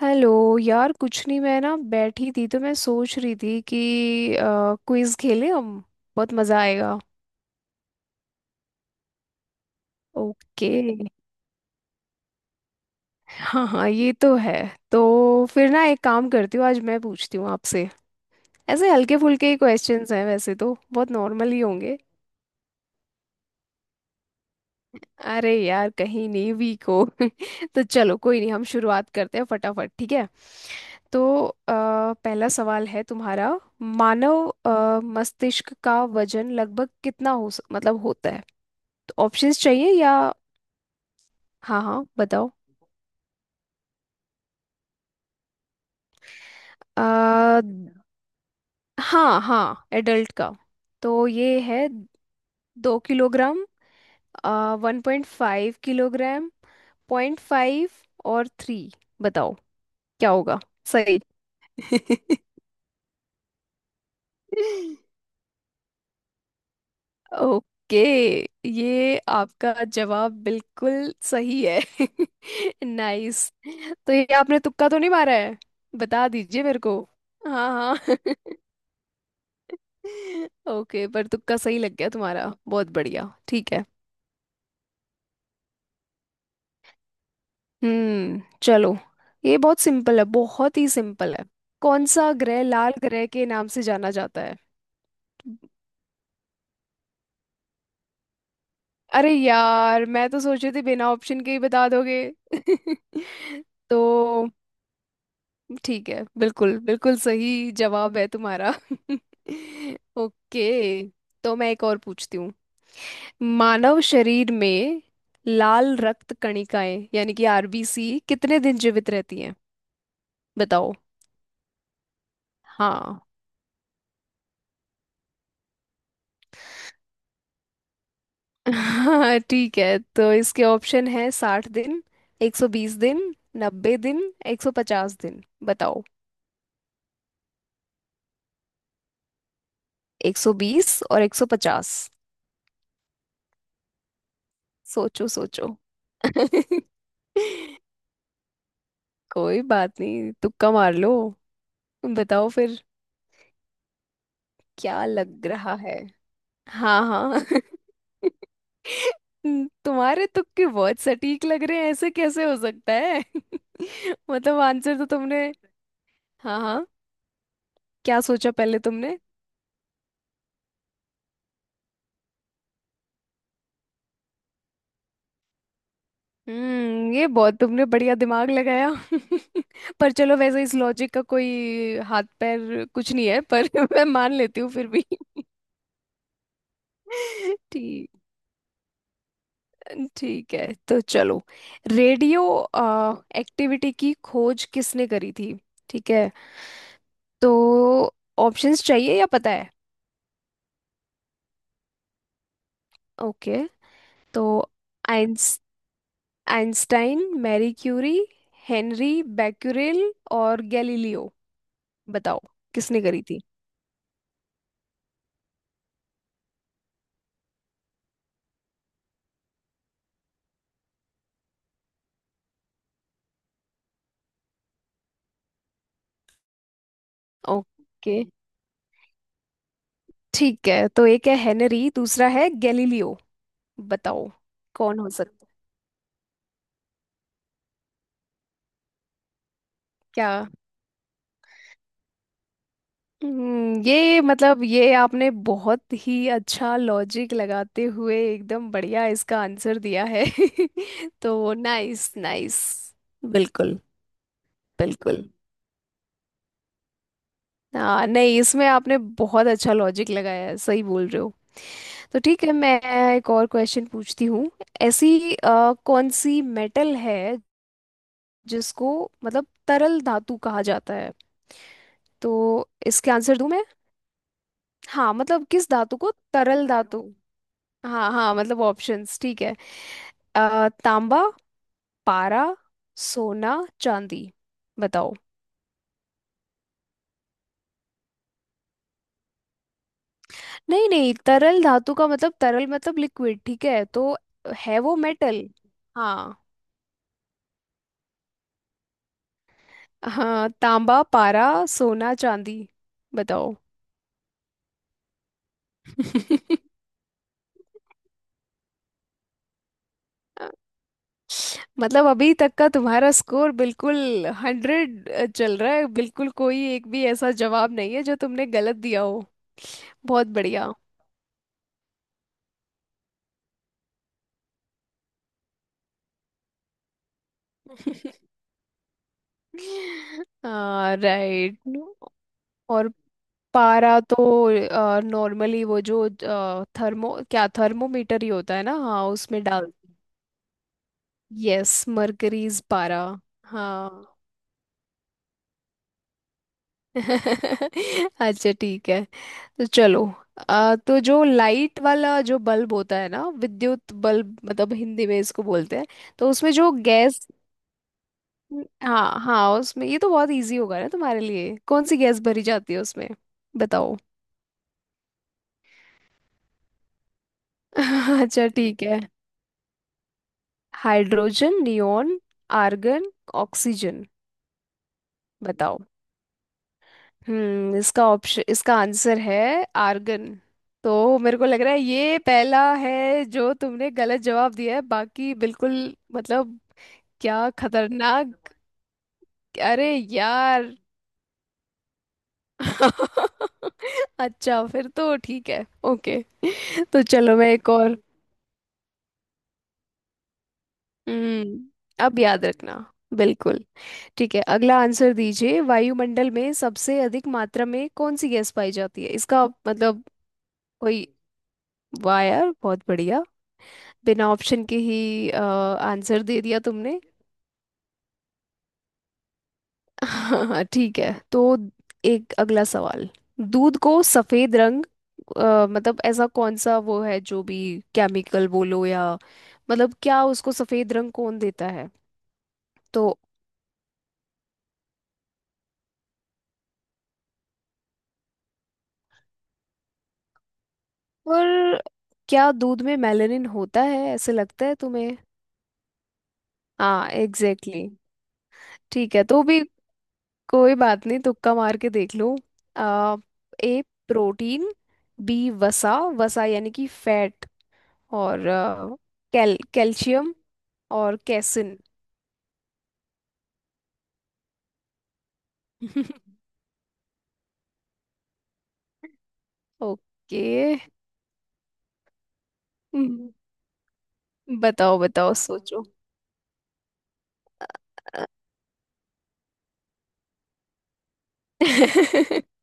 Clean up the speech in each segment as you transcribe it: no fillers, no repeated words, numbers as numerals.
Hello. यार कुछ नहीं, मैं ना बैठी थी तो मैं सोच रही थी कि क्विज खेलें हम। बहुत मज़ा आएगा। ओके। हाँ हाँ, ये तो है। तो फिर ना एक काम करती हूँ, आज मैं पूछती हूँ आपसे। ऐसे हल्के फुल्के ही क्वेश्चंस हैं, वैसे तो बहुत नॉर्मल ही होंगे। अरे यार, कहीं नहीं वीक हो। तो चलो, कोई नहीं, हम शुरुआत करते हैं फटाफट, ठीक है। तो अ, पहला सवाल है तुम्हारा। मानव मस्तिष्क का वजन लगभग कितना हो मतलब होता है। ऑप्शंस चाहिए या? हाँ हाँ, बताओ। आ, हाँ हाँ, एडल्ट का। तो ये है। 2 किलोग्राम, 1.5 किलोग्राम, पॉइंट फाइव और थ्री। बताओ क्या होगा सही। ओके, ये आपका जवाब बिल्कुल सही है। नाइस। तो ये आपने तुक्का तो नहीं मारा है? बता दीजिए मेरे को। हाँ हाँ। ओके, पर तुक्का सही लग गया तुम्हारा। बहुत बढ़िया, ठीक है। चलो। ये बहुत सिंपल है, बहुत ही सिंपल है। कौन सा ग्रह लाल ग्रह के नाम से जाना जाता है? अरे यार, मैं तो सोच रही थी बिना ऑप्शन के ही बता दोगे। तो ठीक है, बिल्कुल बिल्कुल सही जवाब है तुम्हारा। ओके। तो मैं एक और पूछती हूँ। मानव शरीर में लाल रक्त कणिकाएं यानी कि आरबीसी कितने दिन जीवित रहती हैं? बताओ। हाँ। हाँ ठीक है, तो इसके ऑप्शन है 60 दिन, 120 दिन, 90 दिन, 150 दिन। बताओ। 120 और 150। सोचो सोचो। कोई बात नहीं, तुक्का मार लो। बताओ फिर। क्या लग रहा है? हाँ हाँ। तुम्हारे तुक्के बहुत सटीक लग रहे हैं, ऐसे कैसे हो सकता है? मतलब आंसर तो तुमने। हाँ हाँ। क्या सोचा पहले तुमने? ये बहुत तुमने बढ़िया दिमाग लगाया। पर चलो, वैसे इस लॉजिक का कोई हाथ पैर कुछ नहीं है, पर मैं मान लेती हूँ फिर भी। ठीक। ठीक है तो चलो। रेडियो एक्टिविटी की खोज किसने करी थी? ठीक है। तो ऑप्शंस चाहिए या पता है? ओके। तो आइंस Einstein, Marie Curie, Henri Becquerel और गैलीलियो। बताओ किसने करी थी। ओके, ठीक है। तो एक है हेनरी, दूसरा है गैलीलियो। बताओ, कौन हो सकता है? क्या। ये मतलब ये आपने बहुत ही अच्छा लॉजिक लगाते हुए एकदम बढ़िया इसका आंसर दिया है। तो नाइस नाइस। बिल्कुल। बिल्कुल। हाँ, नहीं इसमें आपने बहुत अच्छा लॉजिक लगाया है, सही बोल रहे हो। तो ठीक है, मैं एक और क्वेश्चन पूछती हूँ। ऐसी कौन सी मेटल है जिसको मतलब तरल धातु कहा जाता है? तो इसके आंसर दूं मैं? हाँ, मतलब किस धातु को तरल धातु। हाँ हाँ, मतलब ऑप्शंस, ठीक है। तांबा, पारा, सोना, चांदी। बताओ। नहीं नहीं, तरल धातु का मतलब तरल मतलब लिक्विड, ठीक है? तो है वो मेटल। हाँ हाँ, तांबा, पारा, सोना, चांदी। बताओ। मतलब अभी तक का तुम्हारा स्कोर बिल्कुल 100 चल रहा है, बिल्कुल कोई एक भी ऐसा जवाब नहीं है जो तुमने गलत दिया हो। बहुत बढ़िया। राइट। और पारा तो नॉर्मली वो जो थर्मोमीटर ही होता है ना, हाँ उसमें डाल। यस, मर्करीज पारा। हाँ। अच्छा ठीक है। तो चलो तो जो लाइट वाला जो बल्ब होता है ना, विद्युत बल्ब मतलब हिंदी में इसको बोलते हैं, तो उसमें जो गैस। हाँ हाँ, उसमें ये तो बहुत इजी होगा ना तुम्हारे लिए, कौन सी गैस भरी जाती है उसमें? बताओ। अच्छा ठीक है। Hydrogen, neon, argon, oxygen. बताओ। इसका ऑप्शन, इसका आंसर है आर्गन। तो मेरे को लग रहा है ये पहला है जो तुमने गलत जवाब दिया है, बाकी बिल्कुल मतलब। क्या खतरनाक। अरे यार। अच्छा फिर तो ठीक है। ओके, तो चलो मैं एक और। हम्म अब याद रखना। बिल्कुल। ठीक है, अगला आंसर दीजिए। वायुमंडल में सबसे अधिक मात्रा में कौन सी गैस पाई जाती है इसका मतलब? कोई। वाह यार, बहुत बढ़िया। बिना ऑप्शन के ही आंसर दे दिया तुमने। हाँ ठीक है। तो एक अगला सवाल। दूध को सफेद रंग मतलब ऐसा कौन सा वो है जो भी केमिकल बोलो या मतलब क्या उसको सफेद रंग कौन देता है? तो। और क्या दूध में मेलानिन होता है ऐसे लगता है तुम्हें? हाँ एग्जैक्टली। ठीक है तो भी। कोई बात नहीं, तुक्का मार के देख लो। आ, ए प्रोटीन, बी वसा वसा यानी कि फैट, और कैल्शियम, और कैसिन। ओके। हम्म, बताओ बताओ सोचो। अ,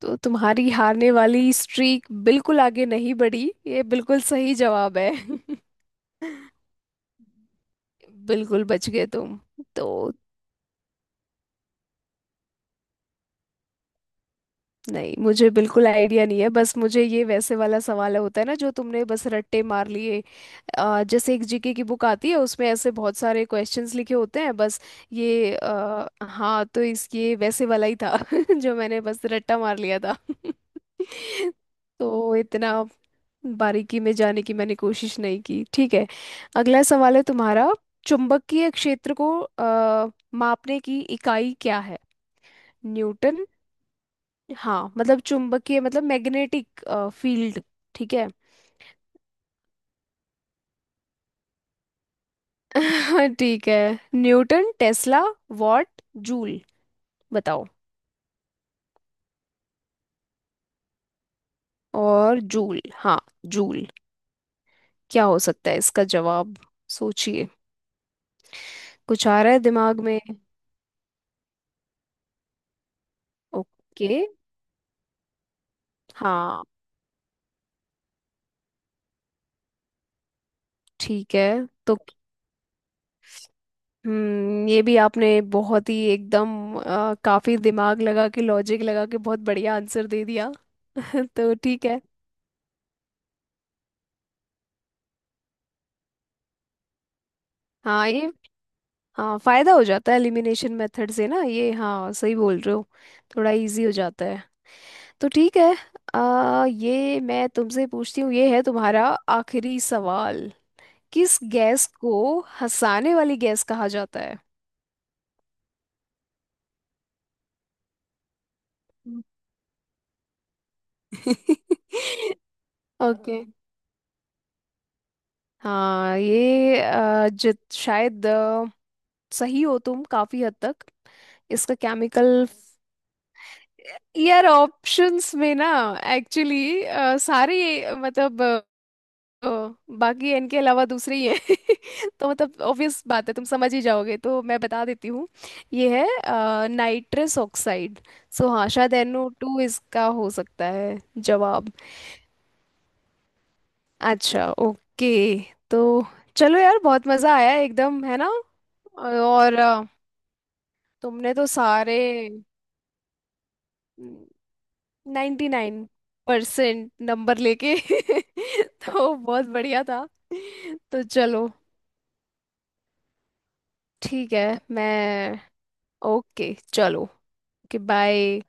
तो तुम्हारी हारने वाली स्ट्रीक बिल्कुल आगे नहीं बढ़ी, ये बिल्कुल सही जवाब है। बिल्कुल बच गए तुम। तो नहीं, मुझे बिल्कुल आइडिया नहीं है, बस मुझे ये वैसे वाला सवाल होता है ना जो तुमने बस रट्टे मार लिए। जैसे एक जीके की बुक आती है, उसमें ऐसे बहुत सारे क्वेश्चंस लिखे होते हैं बस। ये हाँ, तो इस ये वैसे वाला ही था जो मैंने बस रट्टा मार लिया था। तो इतना बारीकी में जाने की मैंने कोशिश नहीं की, ठीक है। अगला सवाल है तुम्हारा। चुंबकीय क्षेत्र को मापने की इकाई क्या है? न्यूटन। हाँ, मतलब चुंबकीय मतलब मैग्नेटिक फील्ड, ठीक है। ठीक है, न्यूटन, टेस्ला, वॉट, जूल। बताओ। और जूल। हाँ जूल। क्या हो सकता है इसका जवाब, सोचिए। कुछ आ रहा है दिमाग में? ओके। हाँ ठीक है तो। ये भी आपने बहुत ही एकदम काफी दिमाग लगा के, लॉजिक लगा के बहुत बढ़िया आंसर दे दिया। तो ठीक है। हाँ ये। हाँ, फायदा हो जाता है एलिमिनेशन मेथड से ना ये, हाँ सही बोल रहे हो। थोड़ा इजी हो जाता है। तो ठीक है। ये मैं तुमसे पूछती हूँ, ये है तुम्हारा आखिरी सवाल। किस गैस को हंसाने वाली गैस कहा जाता है? ओके। हाँ, ये जित शायद सही हो तुम काफी हद तक। इसका केमिकल। यार ऑप्शंस में ना एक्चुअली सारे मतलब ओ, बाकी इनके अलावा दूसरे ही हैं। तो मतलब ऑब्वियस बात है, तुम समझ ही जाओगे तो मैं बता देती हूँ। ये है नाइट्रस ऑक्साइड। सो हाँ, शायद NO2 इसका हो सकता है जवाब। अच्छा ओके। तो चलो यार, बहुत मज़ा आया एकदम, है ना? और तुमने तो सारे 99% नंबर लेके तो बहुत बढ़िया था। तो चलो ठीक है। मैं ओके, चलो, ओके बाय।